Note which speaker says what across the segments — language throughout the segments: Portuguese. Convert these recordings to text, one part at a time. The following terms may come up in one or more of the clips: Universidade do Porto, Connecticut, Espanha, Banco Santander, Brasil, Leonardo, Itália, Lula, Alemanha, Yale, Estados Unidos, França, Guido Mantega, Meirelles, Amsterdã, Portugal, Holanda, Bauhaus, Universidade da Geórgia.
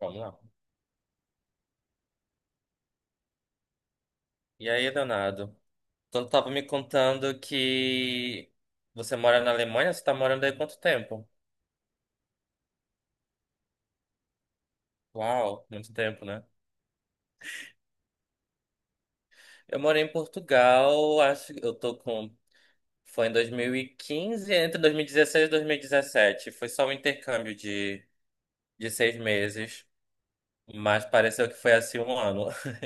Speaker 1: Vamos lá. E aí, Leonardo? Então, tu tava me contando que você mora na Alemanha, você tá morando aí há quanto tempo? Uau, muito tempo, né? Eu morei em Portugal, acho que eu tô com. Foi em 2015, entre 2016 e 2017. Foi só um intercâmbio de 6 meses, mas pareceu que foi assim um ano.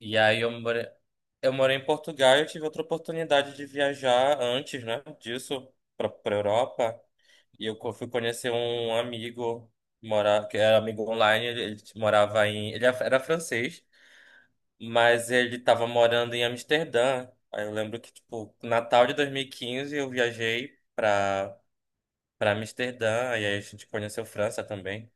Speaker 1: E aí eu morei em Portugal e eu tive outra oportunidade de viajar antes, né, disso, pra Europa. E eu fui conhecer um amigo, mora, que era amigo online, ele morava em. Era francês, mas ele estava morando em Amsterdã. Aí eu lembro que, tipo, Natal de 2015 eu viajei pra, pra Amsterdã, e aí a gente conheceu França também.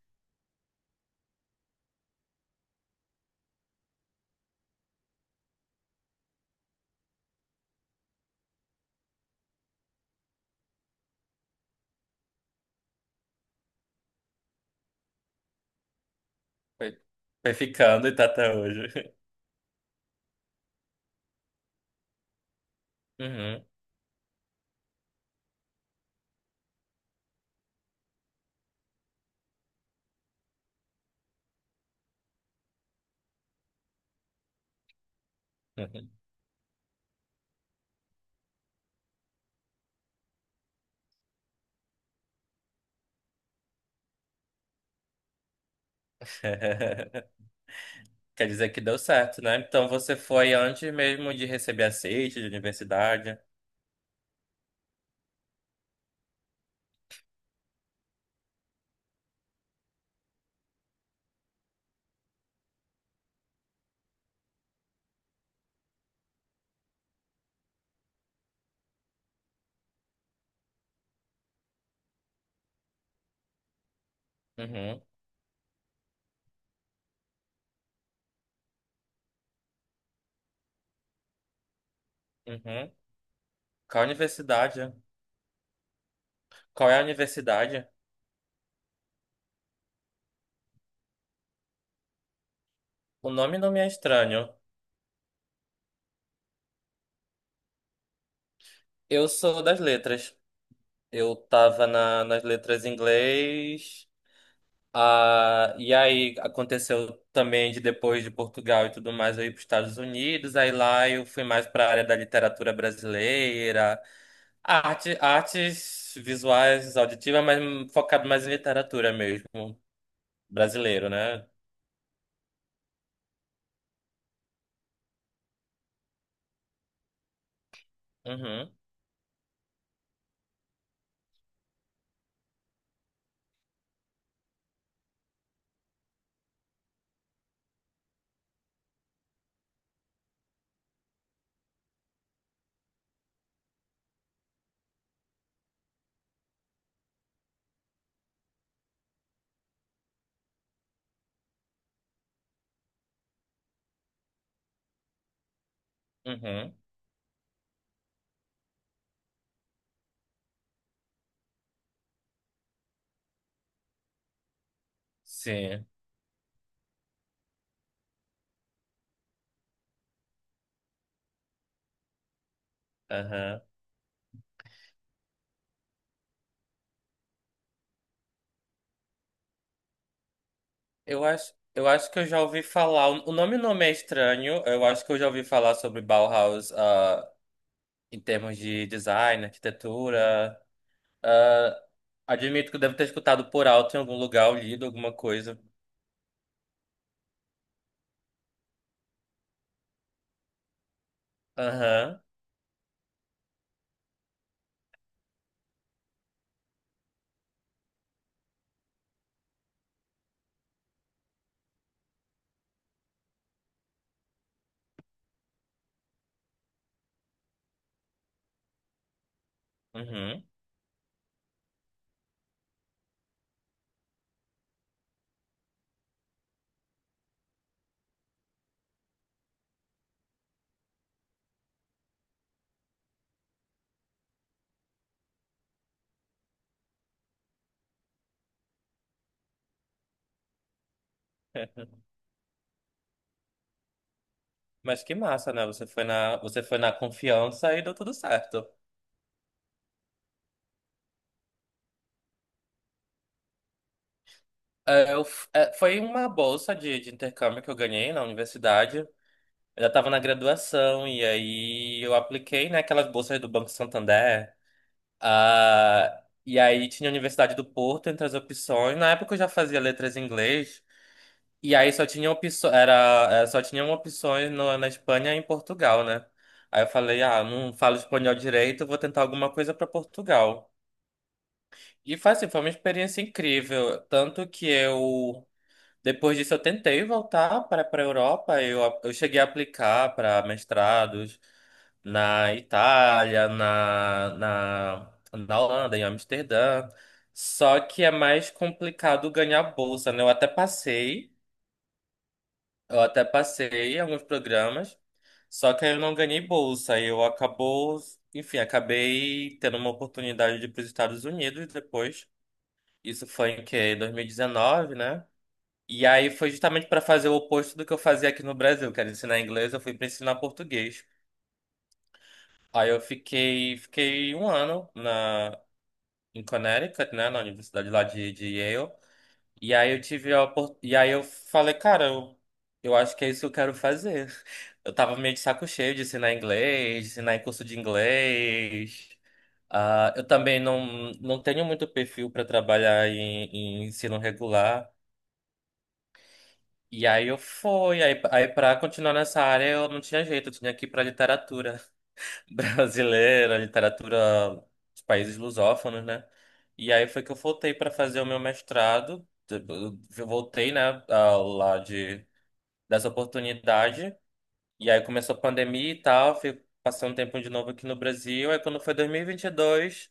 Speaker 1: Foi, foi ficando e tá até hoje. Uhum. Uhum. Quer dizer que deu certo, né? Então você foi antes mesmo de receber aceite de universidade. Uhum, uhum. Qual universidade? Qual é a universidade? O nome não me é estranho. Eu sou das letras. Eu tava na, nas letras em inglês. Ah, e aí aconteceu também de depois de Portugal e tudo mais, eu ir para os Estados Unidos. Aí lá eu fui mais para a área da literatura brasileira, arte, artes visuais, auditivas, mas focado mais em literatura mesmo, brasileiro, né? Uhum, uhum, sim. Eu acho que eu já ouvi falar. O nome não me é estranho. Eu acho que eu já ouvi falar sobre Bauhaus, ah, em termos de design, arquitetura. Ah, admito que eu devo ter escutado por alto em algum lugar, ou lido alguma coisa. Aham, uhum. Mas que massa, né? Você foi na confiança e deu tudo certo. É, eu é, foi uma bolsa de intercâmbio que eu ganhei na universidade. Eu já estava na graduação e aí eu apliquei, né, aquelas bolsas do Banco Santander. Ah, e aí tinha a Universidade do Porto entre as opções. Na época eu já fazia letras em inglês. E aí só tinha opções, era, só tinham opções na Espanha e em Portugal, né? Aí eu falei, ah, não falo espanhol direito, vou tentar alguma coisa para Portugal. E foi assim, foi uma experiência incrível, tanto que eu depois disso, eu tentei voltar para a Europa. Eu cheguei a aplicar para mestrados na Itália, na Holanda, em Amsterdã. Só que é mais complicado ganhar bolsa, né? Eu até passei em alguns programas, só que aí eu não ganhei bolsa. Eu acabou, enfim, acabei tendo uma oportunidade de ir para os Estados Unidos depois. Isso foi em que? 2019, né? E aí foi justamente para fazer o oposto do que eu fazia aqui no Brasil, que era ensinar inglês, eu fui para ensinar português. Aí eu fiquei, fiquei um ano na em Connecticut, né, na universidade lá de Yale. E aí eu tive a e aí eu falei, cara, eu acho que é isso que eu quero fazer. Eu tava meio de saco cheio de ensinar inglês, de ensinar em curso de inglês. Ah, eu também não tenho muito perfil para trabalhar em, em ensino regular. E aí eu fui, aí para continuar nessa área eu não tinha jeito, eu tinha que ir para literatura brasileira, literatura dos países lusófonos, né? E aí foi que eu voltei para fazer o meu mestrado, eu voltei, né, ah, lá de dessa oportunidade, e aí começou a pandemia e tal, fui passando um tempo de novo aqui no Brasil, aí quando foi 2022,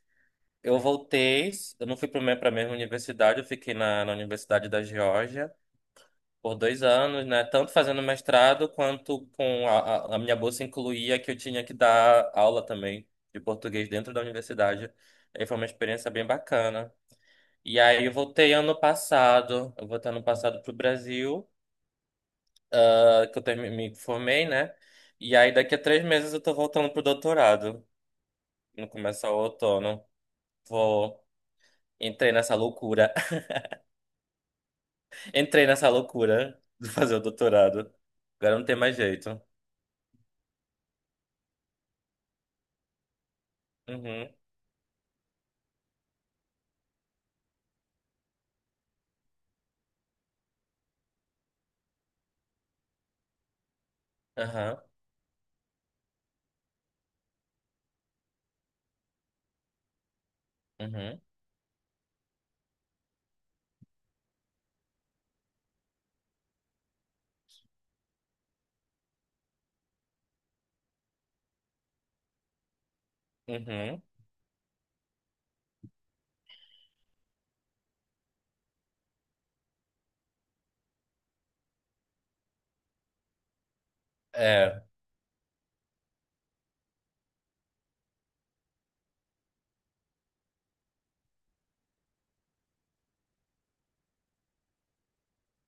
Speaker 1: eu voltei, eu não fui para a mesma universidade, eu fiquei na Universidade da Geórgia, por 2 anos, né? Tanto fazendo mestrado quanto com a minha bolsa incluía que eu tinha que dar aula também de português dentro da universidade. Aí foi uma experiência bem bacana. E aí eu voltei ano passado, eu voltei ano passado pro Brasil, ah, que eu me formei, né? E aí daqui a 3 meses eu tô voltando pro doutorado, no começo do outono. Vou, entrei nessa loucura, entrei nessa loucura de fazer o doutorado. Agora não tem mais jeito. Uhum, aham. Uhum. Uhum. É.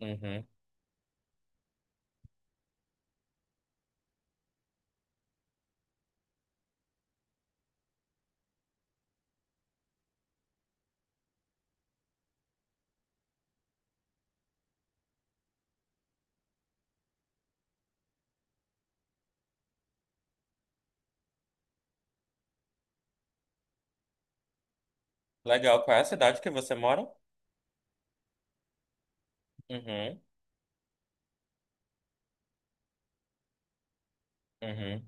Speaker 1: Uhum. Legal. Qual é a cidade que você mora? Uhum. Uhum.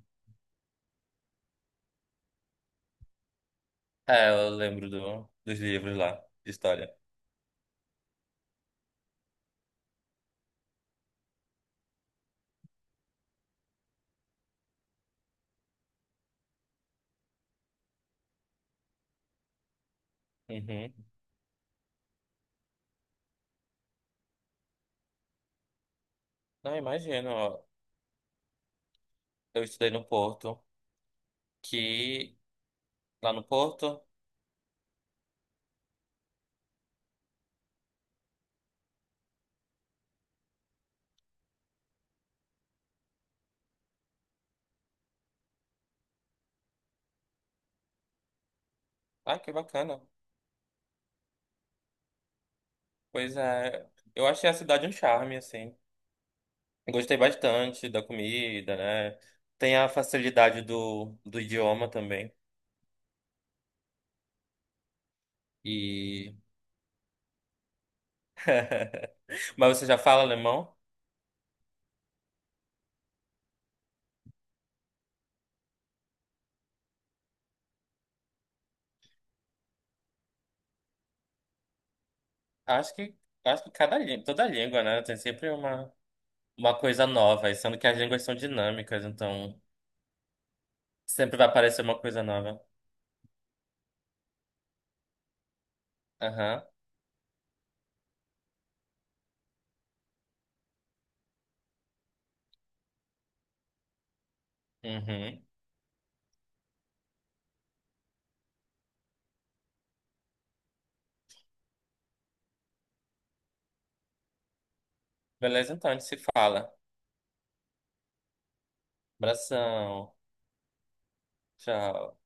Speaker 1: É, eu lembro dos livros lá, de história. Uhum. Não, imagino, ó. Eu estudei no Porto, que... Lá no Porto... Ah, que bacana. Pois é. Eu achei a cidade um charme, assim. Eu gostei bastante da comida, né? Tem a facilidade do idioma também. E... Mas você já fala alemão? Acho que... Acho que cada língua, toda língua, né? Tem sempre uma coisa nova, e sendo que as línguas são dinâmicas, então sempre vai aparecer uma coisa nova. Aham. Uhum. Beleza, então a gente se fala. Abração. Tchau.